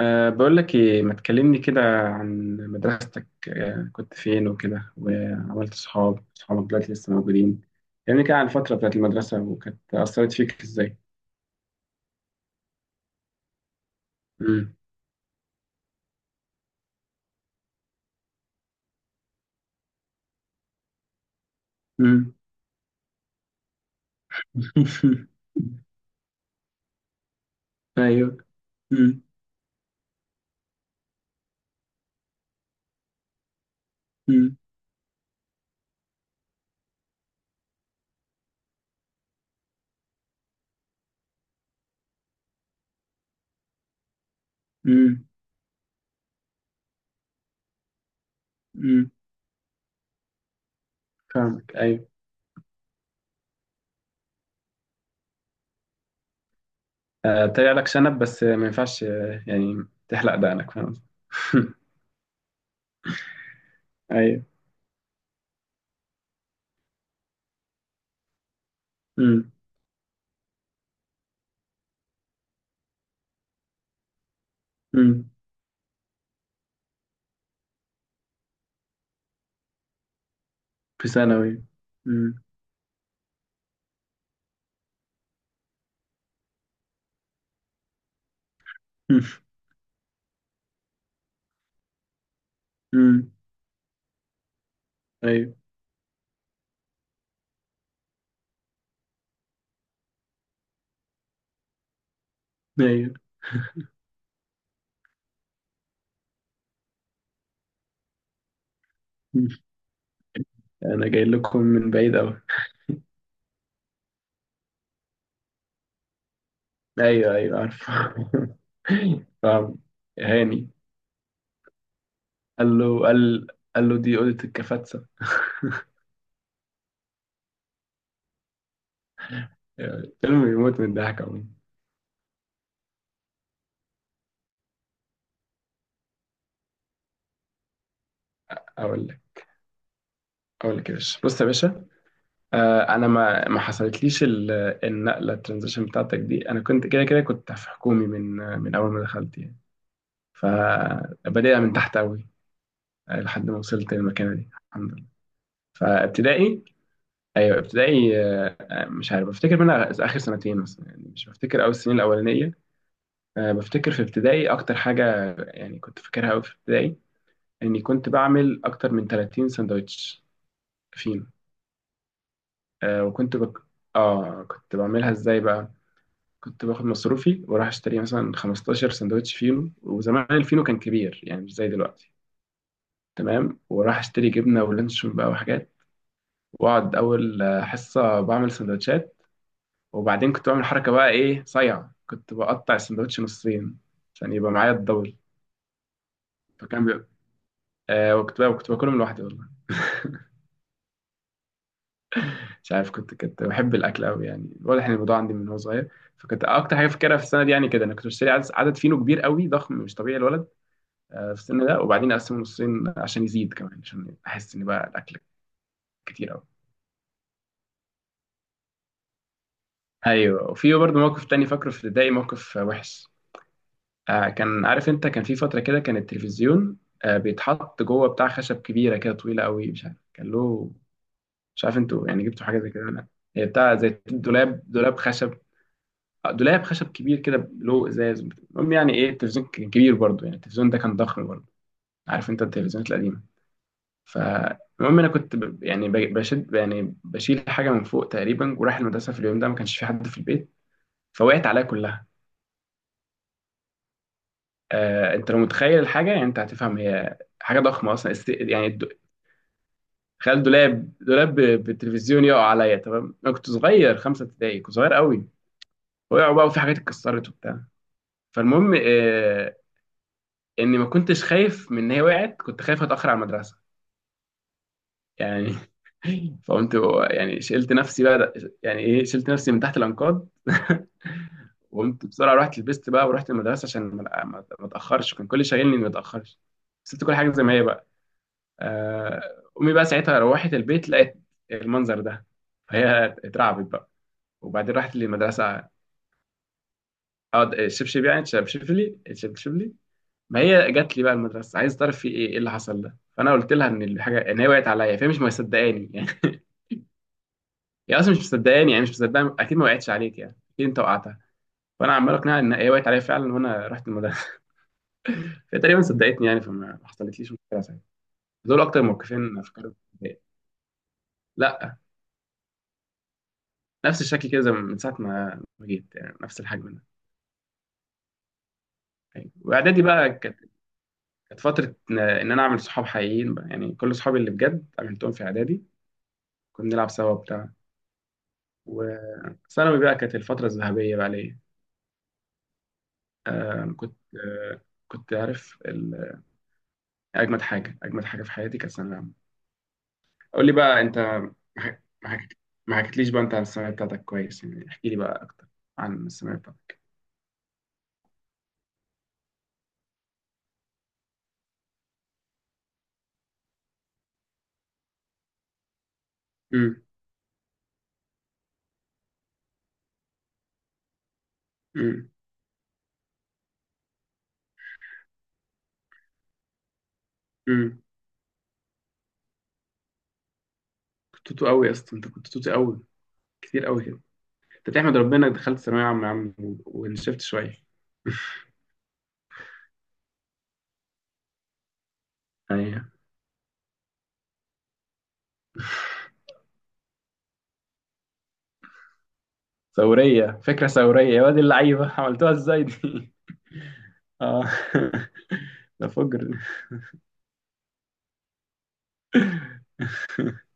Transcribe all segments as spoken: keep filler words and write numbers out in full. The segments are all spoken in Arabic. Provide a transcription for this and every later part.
أه بقول لك، إيه ما تكلمني كده عن مدرستك، أه كنت فين وكده، وعملت صحاب صحابك دلوقتي لسه موجودين؟ كلمني كده عن الفترة بتاعت المدرسة وكانت أثرت فيك إزاي. مم. مم. أيوه. مم. مم. مم. مم. فاهمك، أيوه. أه طلع لك شنب بس ما ينفعش، آه، يعني تحلق دقنك، فاهم. أيوه. مم. مم. في ثانوي. مم. مم. أيوه. أيوه. أنا جاي لكم من بعيد أوي. ايوه ايوه عارف. فاهم. هاني. قال له قال قال له دي اوضه الكفاتسه. يعني فيلم يموت من الضحك عموما. اقول لك اقول لك يا باشا، بص يا باشا. آه انا ما ما حصلتليش ال- النقله، الترانزيشن بتاعتك دي. انا كنت كده كده كنت في حكومي من آه، من اول ما دخلت يعني. فبدأت من تحت قوي، آه، لحد ما وصلت للمكانه دي، الحمد لله. فابتدائي، ايوه ابتدائي. آه، مش عارف بفتكر منها اخر سنتين مثلا، يعني مش بفتكر اول السنين الاولانيه. أه بفتكر في ابتدائي أكتر حاجة، يعني كنت فاكرها أوي في ابتدائي، إني كنت بعمل أكتر من ثلاثين سندوتش. فين؟ أه وكنت بك... آه كنت بعملها إزاي بقى. كنت باخد مصروفي وأروح أشتري مثلا خمستاشر سندوتش فينو، وزمان الفينو كان كبير يعني مش زي دلوقتي. تمام، وراح أشتري جبنة ولانشون بقى وحاجات، وأقعد أول آه، حصة بعمل سندوتشات. وبعدين كنت بعمل حركة بقى إيه صايعة، كنت بقطع السندوتش نصين عشان يبقى معايا الدبل. فكان بيبقى آه وكنت بقى وكنت باكلهم لوحدي والله. مش عارف، كنت كنت بحب الاكل قوي، يعني واضح ان الموضوع عندي من هو صغير. فكنت اكتر حاجه فاكرها في السنه دي، يعني كده انا كنت بشتري عدد, عدد فينو كبير قوي ضخم مش طبيعي الولد آه في السن ده، وبعدين اقسمه نصين عشان يزيد كمان، عشان احس ان بقى الاكل كتير قوي. ايوه، وفي برضه موقف تاني فاكره في ابتدائي، موقف آه، وحش. آه كان، عارف انت، كان في فتره كده كان التلفزيون آه بيتحط جوه بتاع خشب كبيره كده، طويله قوي، مش عارف كان له. مش عارف انتوا يعني جبتوا حاجه زي كده ولا لا. هي بتاع زي دولاب دولاب خشب، دولاب خشب كبير كده له ازاز. المهم يعني ايه، التلفزيون كان كبير برضه، يعني التلفزيون ده كان ضخم برضه، عارف انت التلفزيونات القديمه. فالمهم انا كنت ب- يعني ب- بشد، يعني بشيل حاجه من فوق تقريبا، ورايح المدرسه في اليوم ده، ما كانش في حد في البيت، فوقعت عليا كلها. آه انت لو متخيل الحاجه يعني انت هتفهم، هي حاجه ضخمه اصلا است... يعني الد- تخيل دولاب دولاب ب- بالتلفزيون يقع عليا. تمام، انا كنت صغير، خمسه ابتدائي، كنت صغير قوي. وقعوا بقى وفي حاجات اتكسرت وبتاع. فالمهم آه اني ما كنتش خايف من ان هي وقعت، كنت خايف اتاخر على المدرسه يعني. فقمت يعني، شلت نفسي بقى، يعني ايه، شلت نفسي من تحت الانقاض. وقمت بسرعه، رحت لبست بقى ورحت المدرسه عشان ما ما- ما اتاخرش، كان كل اللي شاغلني اني ما اتاخرش. سبت كل حاجه زي ما هي بقى. آه، امي بقى ساعتها روحت البيت، لقيت المنظر ده، فهي اترعبت بقى وبعدين راحت للمدرسه. اه الشبشب، يعني شبشب لي، الشبشب لي. ما هي جات لي بقى المدرسه عايز تعرف في ايه، ايه اللي حصل ده. فانا قلت لها ان الحاجه، ان هي وقعت عليا، فهي مش مصدقاني، يعني هي اصلا مش مصدقاني، يعني مش مصدقاني، اكيد ما وقعتش عليك يعني، اكيد انت وقعتها. فانا عمال اقنعها ان هي وقعت عليا فعلا، وانا رحت المدرسه. فهي تقريبا صدقتني يعني، فما ما حصلتليش مشكله ساعتها. دول اكتر موقفين فكرت فيهم. لا، نفس الشكل كده، زي ما- من ساعه ما ما جيت، يعني نفس الحجم ده. أيوة. واعدادي بقى كانت، كانت فتره ان إن انا اعمل صحاب حقيقيين بقى، يعني كل صحابي اللي بجد عملتهم في اعدادي، كنا بنلعب سوا وبتاع. ثانوي بقى كانت الفترة الذهبية بقى ليا. آه كنت آه كنت عارف ال- أجمد حاجة أجمد حاجة في حياتي كانت ثانوية عامة. قول لي بقى، أنت ما حك- ما حك- ما حكيتليش بقى أنت عن الثانوية بتاعتك كويس، يعني احكي لي بقى أكتر عن الثانوية بتاعتك. أمم. أمم. أمم. كنت توتو قوي يا اسطى، أنت كنت توتو قوي، كتير قوي كده. أنت تحمد ربنا إنك دخلت ثانوية عامة يا عم و- ونشفت شوية. أيوه. ثورية فكرة ثورية يا واد، اللعيبة عملتوها إزاي دي؟ آه ده فجر.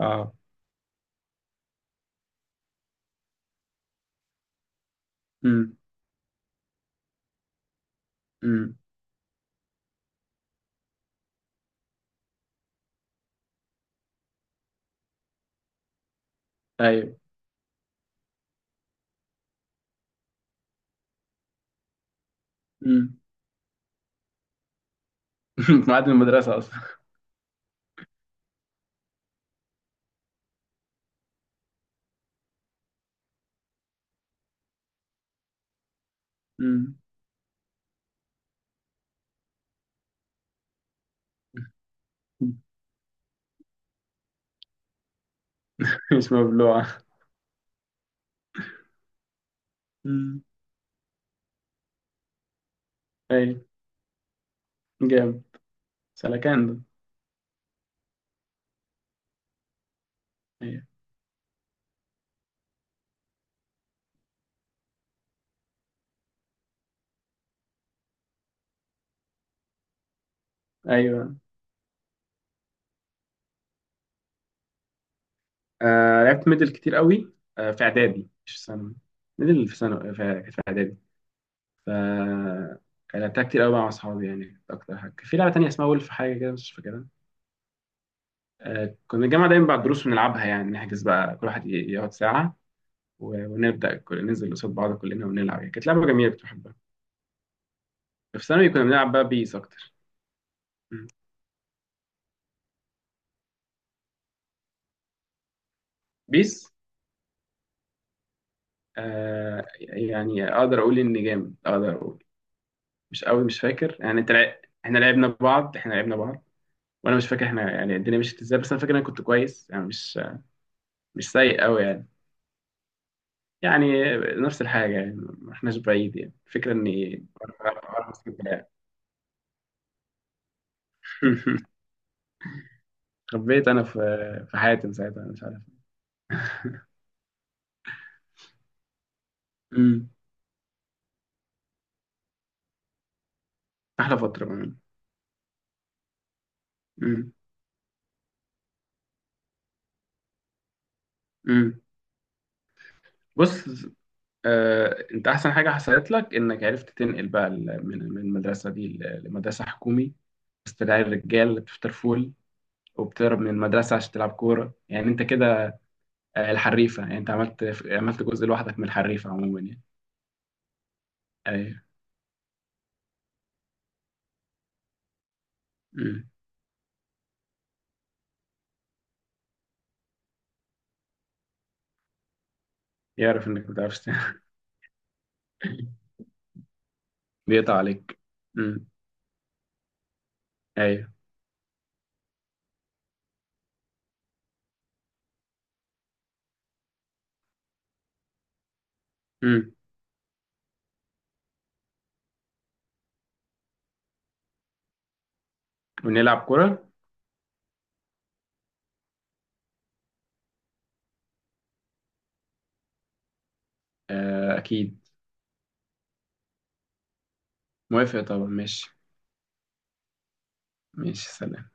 اه. امم. امم. ايوه. امم. معاد المدرسة اصلا. امم. مش مبلوعة. امم. ايوه. جامد. سلكان ده. ايوه ايوه. آه لعبت ميدل كتير قوي، آه في اعدادي مش في ثانوي. ميدل في ثانوي في في اعدادي. ف كان لعبتها كتير قوي بقى مع اصحابي يعني، كانت اكتر حاجة. في لعبة تانية اسمها ولف، حاجة كده مش فاكرها. آه كنا الجامعة دايما بعد الدروس بنلعبها، يعني نحجز بقى كل واحد يقعد ساعة، و- ونبدأ كل- ننزل قصاد بعض كلنا ونلعب، يعني كانت لعبة جميلة كنت بحبها. في ثانوي كنا بنلعب بقى بيس اكتر. مم. بيس، آه يعني اقدر اقول ان جامد، اقدر اقول مش قوي، مش فاكر يعني. انت لع... احنا لعبنا بعض، احنا لعبنا بعض، وانا مش فاكر احنا يعني الدنيا مشيت ازاي، بس انا فاكر إن انا كنت كويس يعني، مش مش سيء قوي يعني، يعني نفس الحاجه يعني، ما احناش بعيد، يعني الفكره اني بعرف أسكت بلاعب. خبيت انا في في حياتي من ساعتها أنا مش عارف. امم. احلى فتره بقى. امم. امم. بص، آه، انت احسن حاجه حصلت لك انك عرفت تنقل بقى ال- من من المدرسه دي ل- لمدرسه حكومي، وسط العيال الرجال اللي بتفطر فول وبتهرب من المدرسه عشان تلعب كوره، يعني انت كده آه، الحريفه، يعني انت عملت عملت جزء لوحدك من الحريفه عموما يعني. ايوه. امم. يعرف انك ما بتعرفش تعمل. بيقطع عليك. امم. ايوه. امم. ونلعب كوره. آه، اكيد. موافق طبعا، ماشي. ماشي، سلام.